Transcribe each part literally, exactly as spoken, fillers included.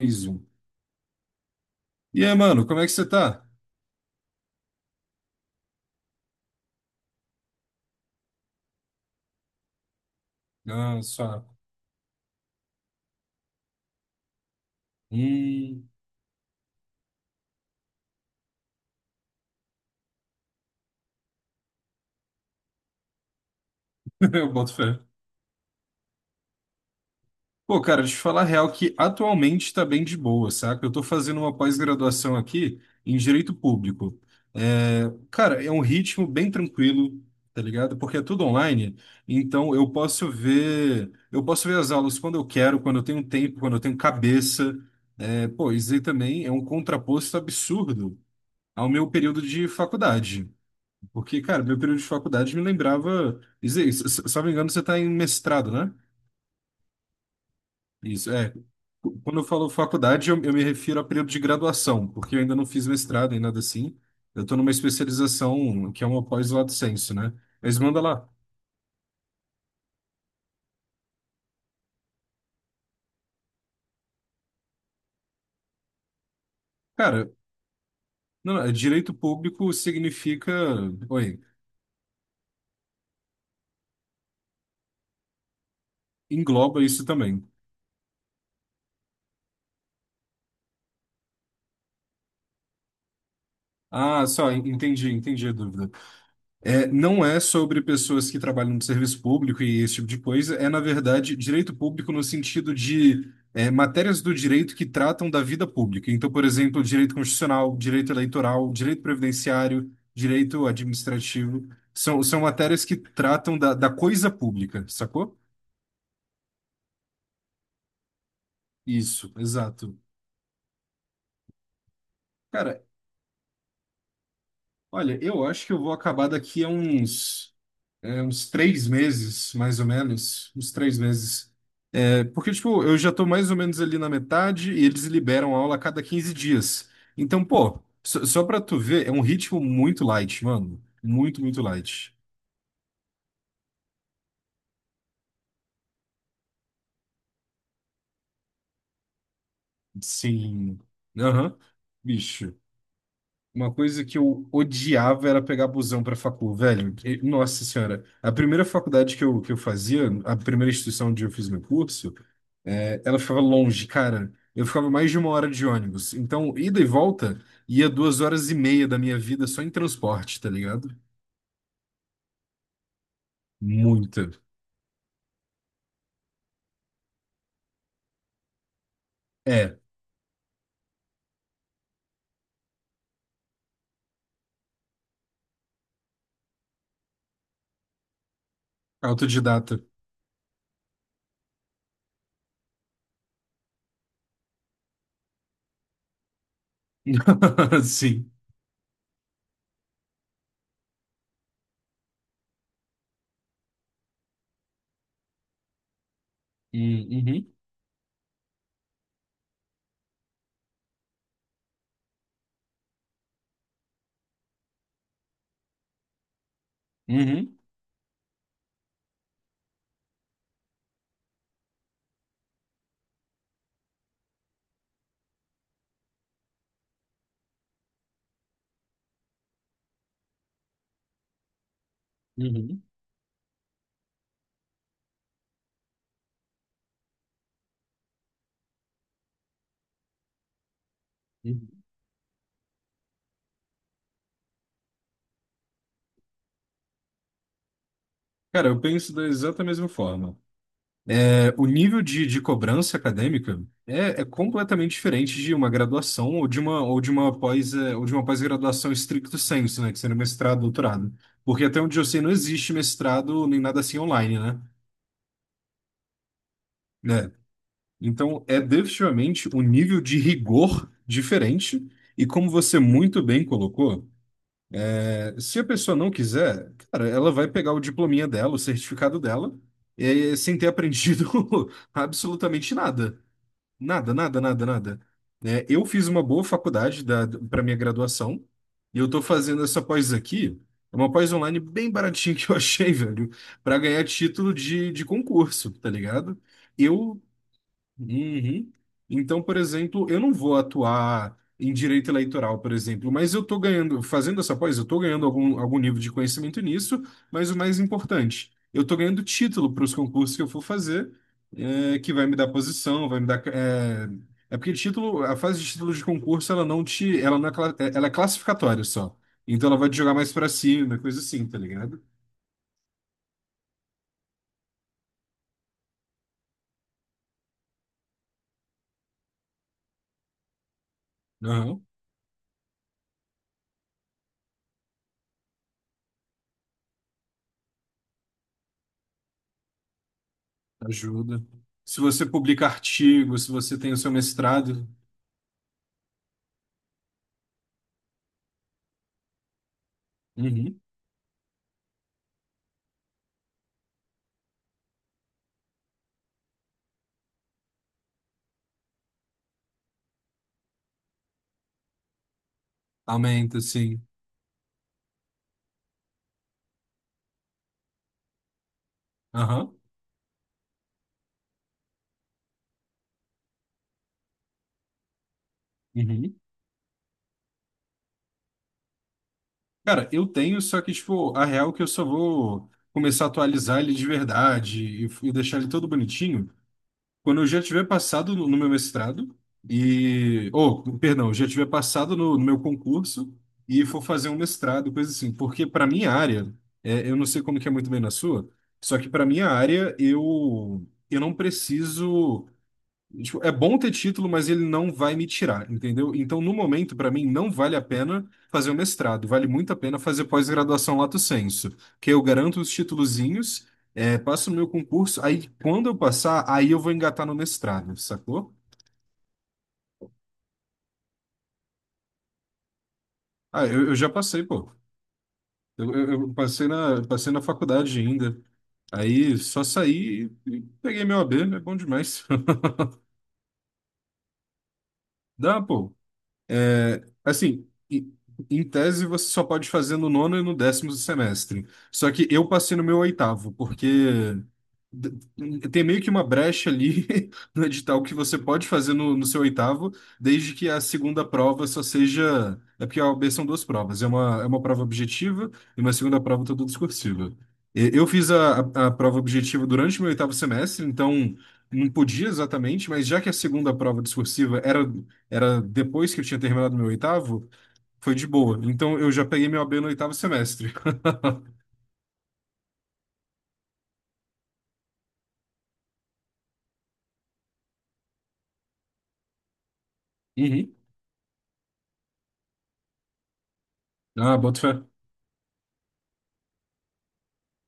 Mais um. E aí, mano, como é que você tá? Ah, só. Hum, eu boto fé. Pô, cara, deixa eu falar a real que atualmente tá bem de boa, saca? Eu tô fazendo uma pós-graduação aqui em Direito Público. É, cara, é um ritmo bem tranquilo, tá ligado? Porque é tudo online, então eu posso ver, eu posso ver as aulas quando eu quero, quando eu tenho tempo, quando eu tenho cabeça. É, pô, isso aí também é um contraposto absurdo ao meu período de faculdade. Porque, cara, meu período de faculdade me lembrava. Isso aí. Se se- se eu não me engano, você está em mestrado, né? Isso, é. Qu- Quando eu falo faculdade, eu, eu me refiro a período de graduação, porque eu ainda não fiz mestrado nem nada assim. Eu estou numa especialização que é uma pós lato sensu, né? Mas manda lá. Cara, não, não, é direito público significa. Oi, engloba isso também. Ah, só, en- entendi, entendi a dúvida. É, não é sobre pessoas que trabalham no serviço público e esse tipo de coisa, é, na verdade, direito público no sentido de é, matérias do direito que tratam da vida pública. Então, por exemplo, direito constitucional, direito eleitoral, direito previdenciário, direito administrativo, são, são matérias que tratam da, da coisa pública, sacou? Isso, exato. Cara, olha, eu acho que eu vou acabar daqui a uns, é, uns três meses, mais ou menos, uns três meses. Porque, tipo, eu já tô mais ou menos ali na metade e eles liberam aula a cada quinze dias. Então, pô, só, só pra tu ver, é um ritmo muito light, mano. Muito, muito light. Sim. Aham. Bicho. Uma coisa que eu odiava era pegar busão pra facul, velho. E- Nossa senhora, a primeira faculdade que eu, que eu fazia, a primeira instituição onde eu fiz meu curso, é, ela ficava longe, cara. Eu ficava mais de uma hora de ônibus. Então, ida e volta, ia duas horas e meia da minha vida só em transporte, tá ligado? Muita. É, autodidata. Sim. Hum, Uhum, uhum, uhum, uhum. Cara, eu penso da exata mesma forma. O nível de, de cobrança acadêmica é, é completamente diferente de uma graduação ou de uma ou de uma pós eh, ou de uma pós-graduação stricto sensu, né, que seria mestrado, doutorado. Porque até onde eu sei não existe mestrado nem nada assim online, né? Né? Então é definitivamente um nível de rigor diferente e como você muito bem colocou, eh, se a pessoa não quiser, cara, ela vai pegar o diplominha dela, o certificado dela, eh, sem ter aprendido absolutamente nada. Nada, nada, nada, nada. Né, eu fiz uma boa faculdade para minha graduação e eu tô fazendo essa pós aqui. É uma pós online bem baratinha que eu achei, velho, para ganhar título de, de concurso, tá ligado? Eu Uhum. Então, por exemplo, eu não vou atuar em direito eleitoral, por exemplo, mas eu estou ganhando, fazendo essa pós, eu estou ganhando algum, algum nível de conhecimento nisso, mas o mais importante, eu estou ganhando título para os concursos que eu for fazer, é, que vai me dar posição, vai me dar. É, é porque título, a fase de título de concurso, ela não te, ela não é, cla- eh, ela é classificatória só. Então ela vai te jogar mais para cima, coisa assim, tá ligado? Não, ajuda. Se você publica artigo, se você tem o seu mestrado. Uhum. Aumenta, sim. Aham. Uhum. Cara, eu tenho, só que, tipo, a real é que eu só vou começar a atualizar ele de verdade e, e deixar ele todo bonitinho quando eu já tiver passado no, no meu mestrado e... Oh, perdão, já tiver passado no, no meu concurso e for fazer um mestrado, coisa assim. Porque para minha área, é, eu não sei como que é muito bem na sua, só que para minha área eu, eu não preciso... Tipo, é bom ter título, mas ele não vai me tirar, entendeu? Então, no momento, para mim, não vale a pena fazer o mestrado. Vale muito a pena fazer pós-graduação lato sensu, que eu garanto os titulozinhos, é, passo o meu concurso, aí quando eu passar, aí eu vou engatar no mestrado, sacou? Ah, eu, eu já passei, pô. Eu, eu- eu passei na, eu passei na faculdade ainda. Aí só saí e e peguei meu A B, é bom demais. Dá, pô. É, assim, em em tese você só pode fazer no nono e no décimo semestre. Só que eu passei no meu oitavo, porque d- tem meio que uma brecha ali no edital que você pode fazer no, no seu oitavo, desde que a segunda prova só seja. É porque a O A B são duas provas, é uma, é uma prova objetiva e uma segunda prova toda discursiva. E- Eu fiz a, a, a prova objetiva durante o meu oitavo semestre, então não podia exatamente, mas já que a segunda prova discursiva era era depois que eu tinha terminado meu oitavo, foi de boa. Então eu já peguei meu A B no oitavo semestre. Uhum. Ah, boto fé.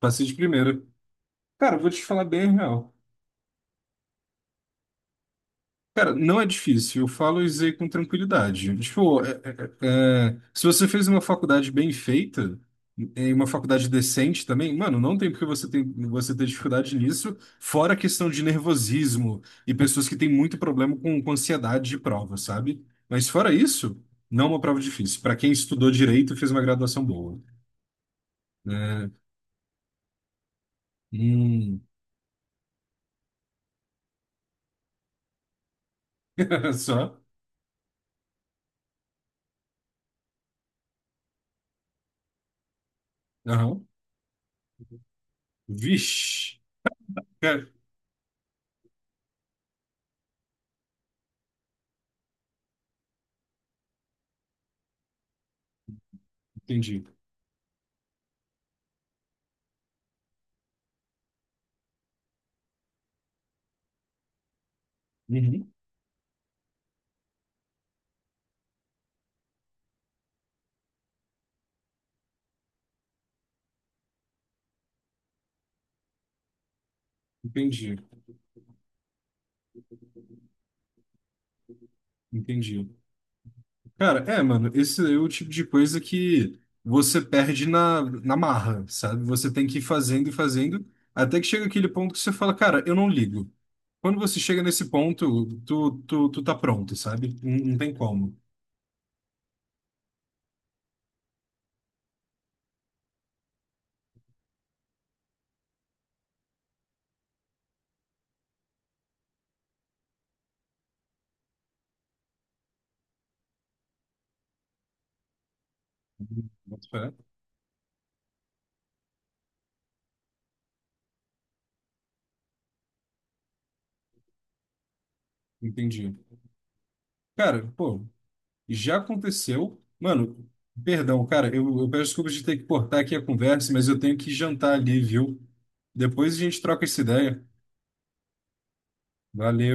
Passei de primeira. Cara, eu vou te falar bem a real. Cara, não é difícil, eu falo isso aí com tranquilidade. Tipo, é- é- é, é, se você fez uma faculdade bem feita, e uma faculdade decente também, mano, não tem porque você tem, você ter dificuldade nisso, fora a questão de nervosismo e pessoas que têm muito problema com, com ansiedade de prova, sabe? Mas fora isso, não é uma prova difícil. Pra quem estudou direito, e fez uma graduação boa. Né? Hum, só? Aham. Vixe. Cara, entendi. Uhum. Entendi, entendi. Cara, é, mano, esse é o tipo de coisa que você perde na, na marra, sabe? Você tem que ir fazendo e fazendo, até que chega aquele ponto que você fala, cara, eu não ligo. Quando você chega nesse ponto, tu, tu, tu tá pronto, sabe? Não, não tem como. Boto fé. Entendi. Cara, pô, já aconteceu. Mano, perdão, cara, eu, eu peço desculpas de ter que cortar aqui a conversa, mas eu tenho que jantar ali, viu? Depois a gente troca essa ideia. Valeu.